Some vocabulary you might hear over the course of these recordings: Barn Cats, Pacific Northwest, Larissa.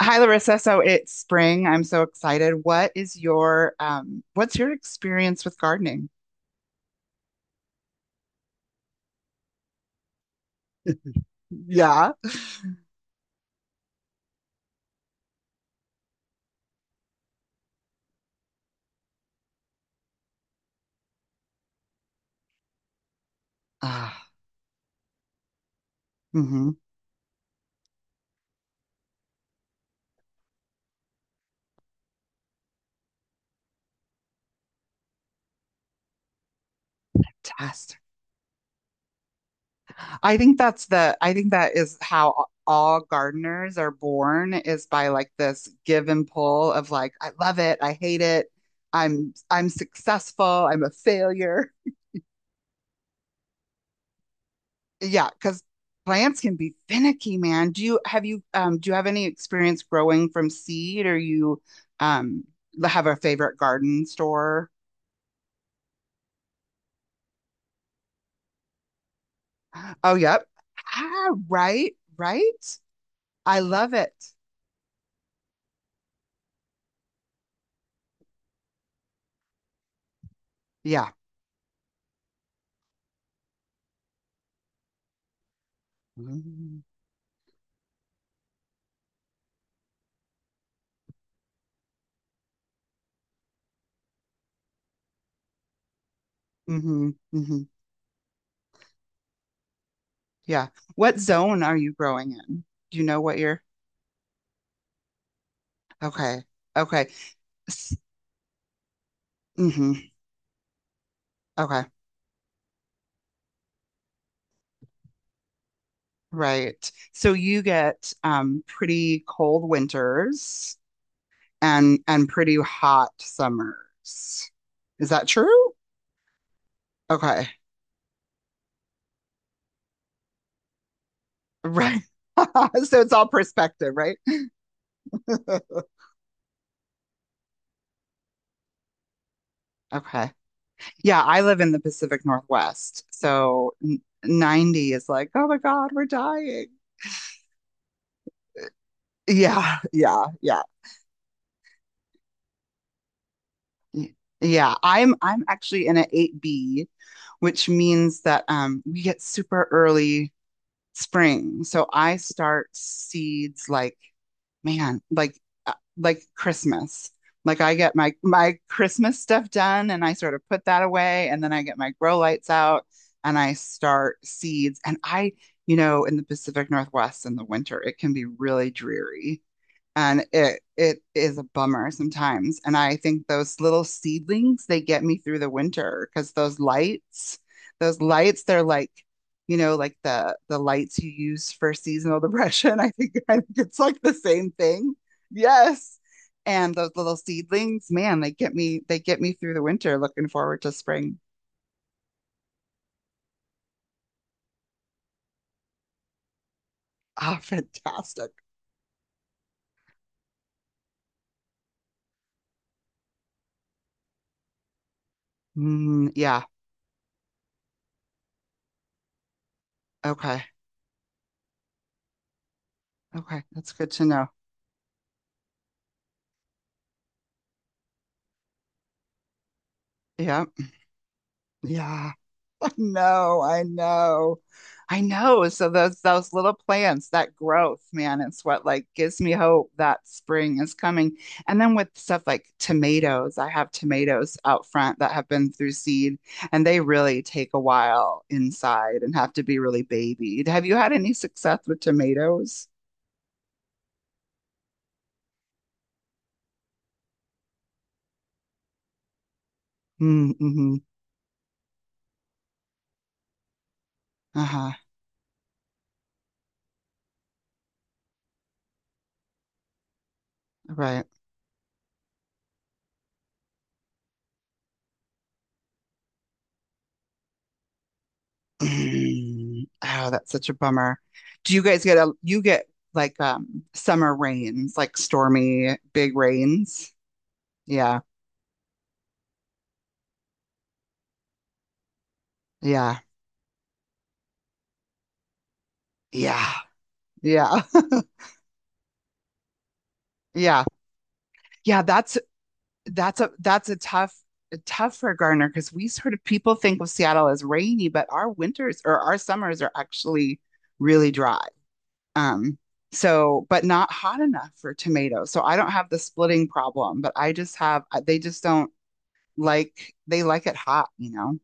Hi, Larissa. So it's spring. I'm so excited. What is your what's your experience with gardening? Yeah. Ah, mm-hmm. Fantastic. I think that is how all gardeners are born is by like this give and pull of like I love it, I hate it, I'm successful, I'm a failure. Yeah, because plants can be finicky, man. Do you have any experience growing from seed or you um have a favorite garden store? Oh, yep. Ah, right, right. I love it. Yeah. Mm-hmm. Mm-hmm. Mm-hmm. Yeah. What zone are you growing in? Do you know what year? Okay. Okay. Mm-hmm. Okay. Right. So you get pretty cold winters and pretty hot summers. Is that true? Okay. Right. So it's all perspective, right? Okay. Yeah, I live in the Pacific Northwest. So 90 is like, "Oh my god, we're dying." Yeah, yeah, yeah. Yeah, I'm actually in an 8B, which means that we get super early spring. So I start seeds like man, like Christmas. Like I get my Christmas stuff done and I sort of put that away, and then I get my grow lights out and I start seeds, and I, you know, in the Pacific Northwest in the winter, it can be really dreary, and it is a bummer sometimes. And I think those little seedlings, they get me through the winter because those lights, they're like, you know, like the lights you use for seasonal depression. I think it's like the same thing. Yes. And those little seedlings, man, they get me through the winter looking forward to spring. Ah, fantastic. Mm, yeah. Okay. Okay. That's good to know. Yeah. Yeah. No, I know. I know. So those little plants, that growth, man, it's what like gives me hope that spring is coming. And then with stuff like tomatoes, I have tomatoes out front that have been through seed, and they really take a while inside and have to be really babied. Have you had any success with tomatoes? Mm-hmm. Uh-huh. Right. Mm. Oh, that's such a bummer. Do you guys get a you get Like summer rains, like stormy big rains? Yeah. Yeah. Yeah. Yeah. Yeah. Yeah, that's a tough tough for Garner because we sort of people think of Seattle as rainy, but our winters or our summers are actually really dry. Um so but not hot enough for tomatoes. So I don't have the splitting problem, but I just have they just don't like they like it hot, you know?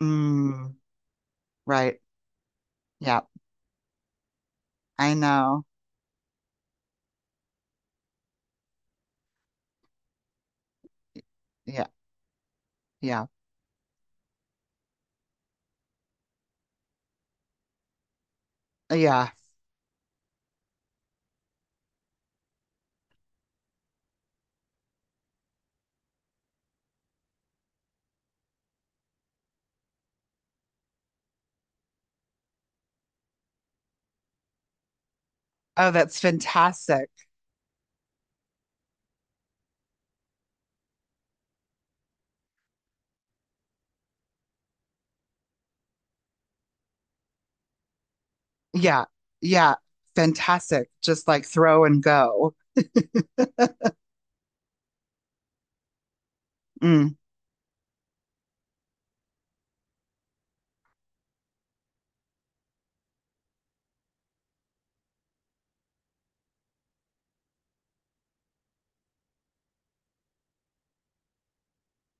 Mm, right. Yeah. I know. Yeah. Yeah. Yeah. Oh, that's fantastic. Yeah. Yeah. Fantastic. Just like throw and go. Mm,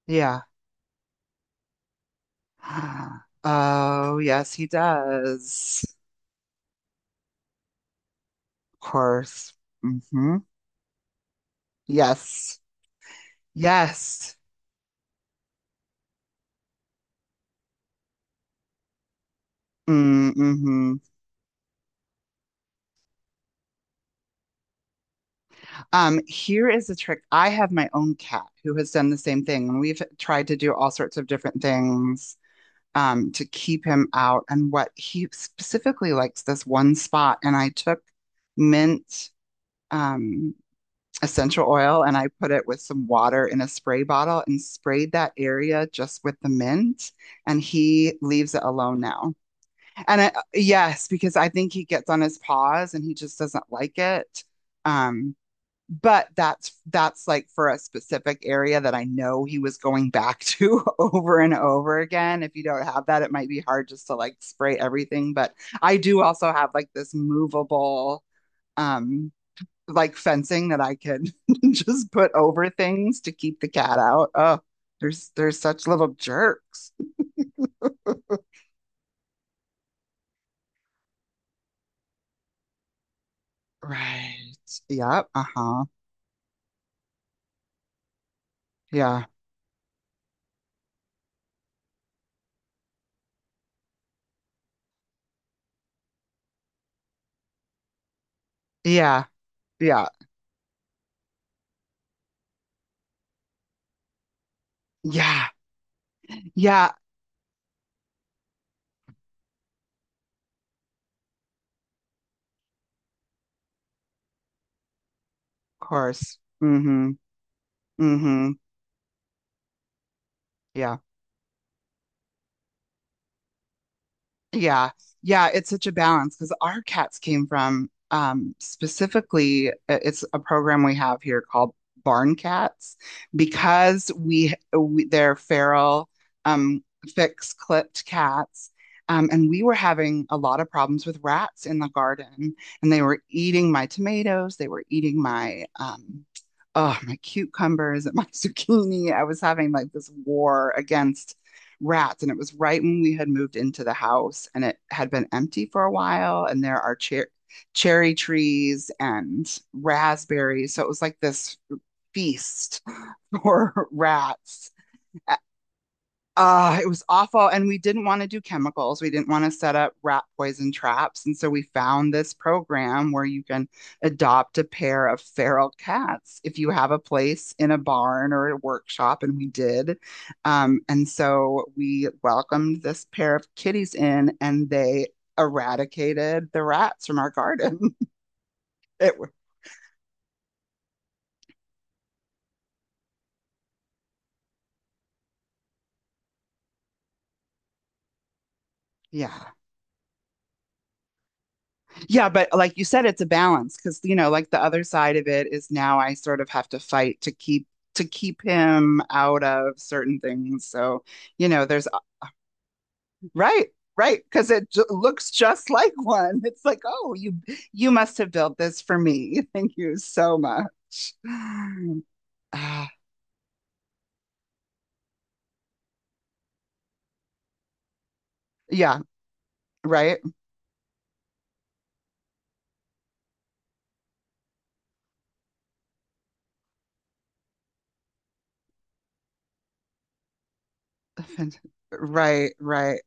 yeah. Oh, yes, he does. Of course. Hmm. Yes. Yes. Mm-hmm. Here is a trick. I have my own cat who has done the same thing, and we've tried to do all sorts of different things to keep him out. And what he specifically likes this one spot, and I took mint um, essential oil, and I put it with some water in a spray bottle and sprayed that area just with the mint. And he leaves it alone now. And I, yes, because I think he gets on his paws and he just doesn't like it. Um, but that's like for a specific area that I know he was going back to over and over again. If you don't have that, it might be hard just to like spray everything. But I do also have like this movable um like fencing that I can just put over things to keep the cat out. Oh, there's such little jerks. Right. Yep. Uh-huh. Yeah. Yeah. Yeah. Yeah. Yeah. Of course. Mm-hmm. Mm-hmm. Yeah. Yeah. Yeah, it's such a balance because our cats came from specifically it's a program we have here called Barn Cats because we they're feral um fixed clipped cats. And we were having a lot of problems with rats in the garden, and they were eating my tomatoes. They were eating my cucumbers and my zucchini. I was having like this war against rats, and it was right when we had moved into the house and it had been empty for a while, and there are cherry trees and raspberries, so it was like this feast for rats. Uh, it was awful. And we didn't want to do chemicals. We didn't want to set up rat poison traps. And so we found this program where you can adopt a pair of feral cats if you have a place in a barn or a workshop. And we did. And so we welcomed this pair of kitties in, and they eradicated the rats from our garden. It, wa- yeah. Yeah, but like you said, it's a balance because, you know, like the other side of it is now I sort of have to fight to keep him out of certain things. So, you know, there's right, right, because it j looks just like one. It's like, oh, you must have built this for me. Thank you so much. Ah, yeah, right, right, right.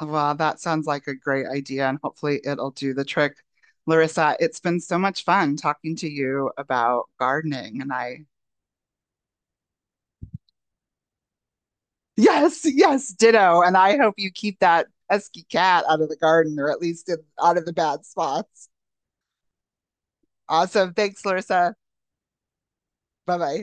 Well, that sounds like a great idea, and hopefully it'll do the trick. Larissa, it's been so much fun talking to you about gardening, and I, yes, yes, ditto. And I hope you keep that pesky cat out of the garden, or at least in, out of the bad spots. Awesome. Thanks, Larissa. Bye bye.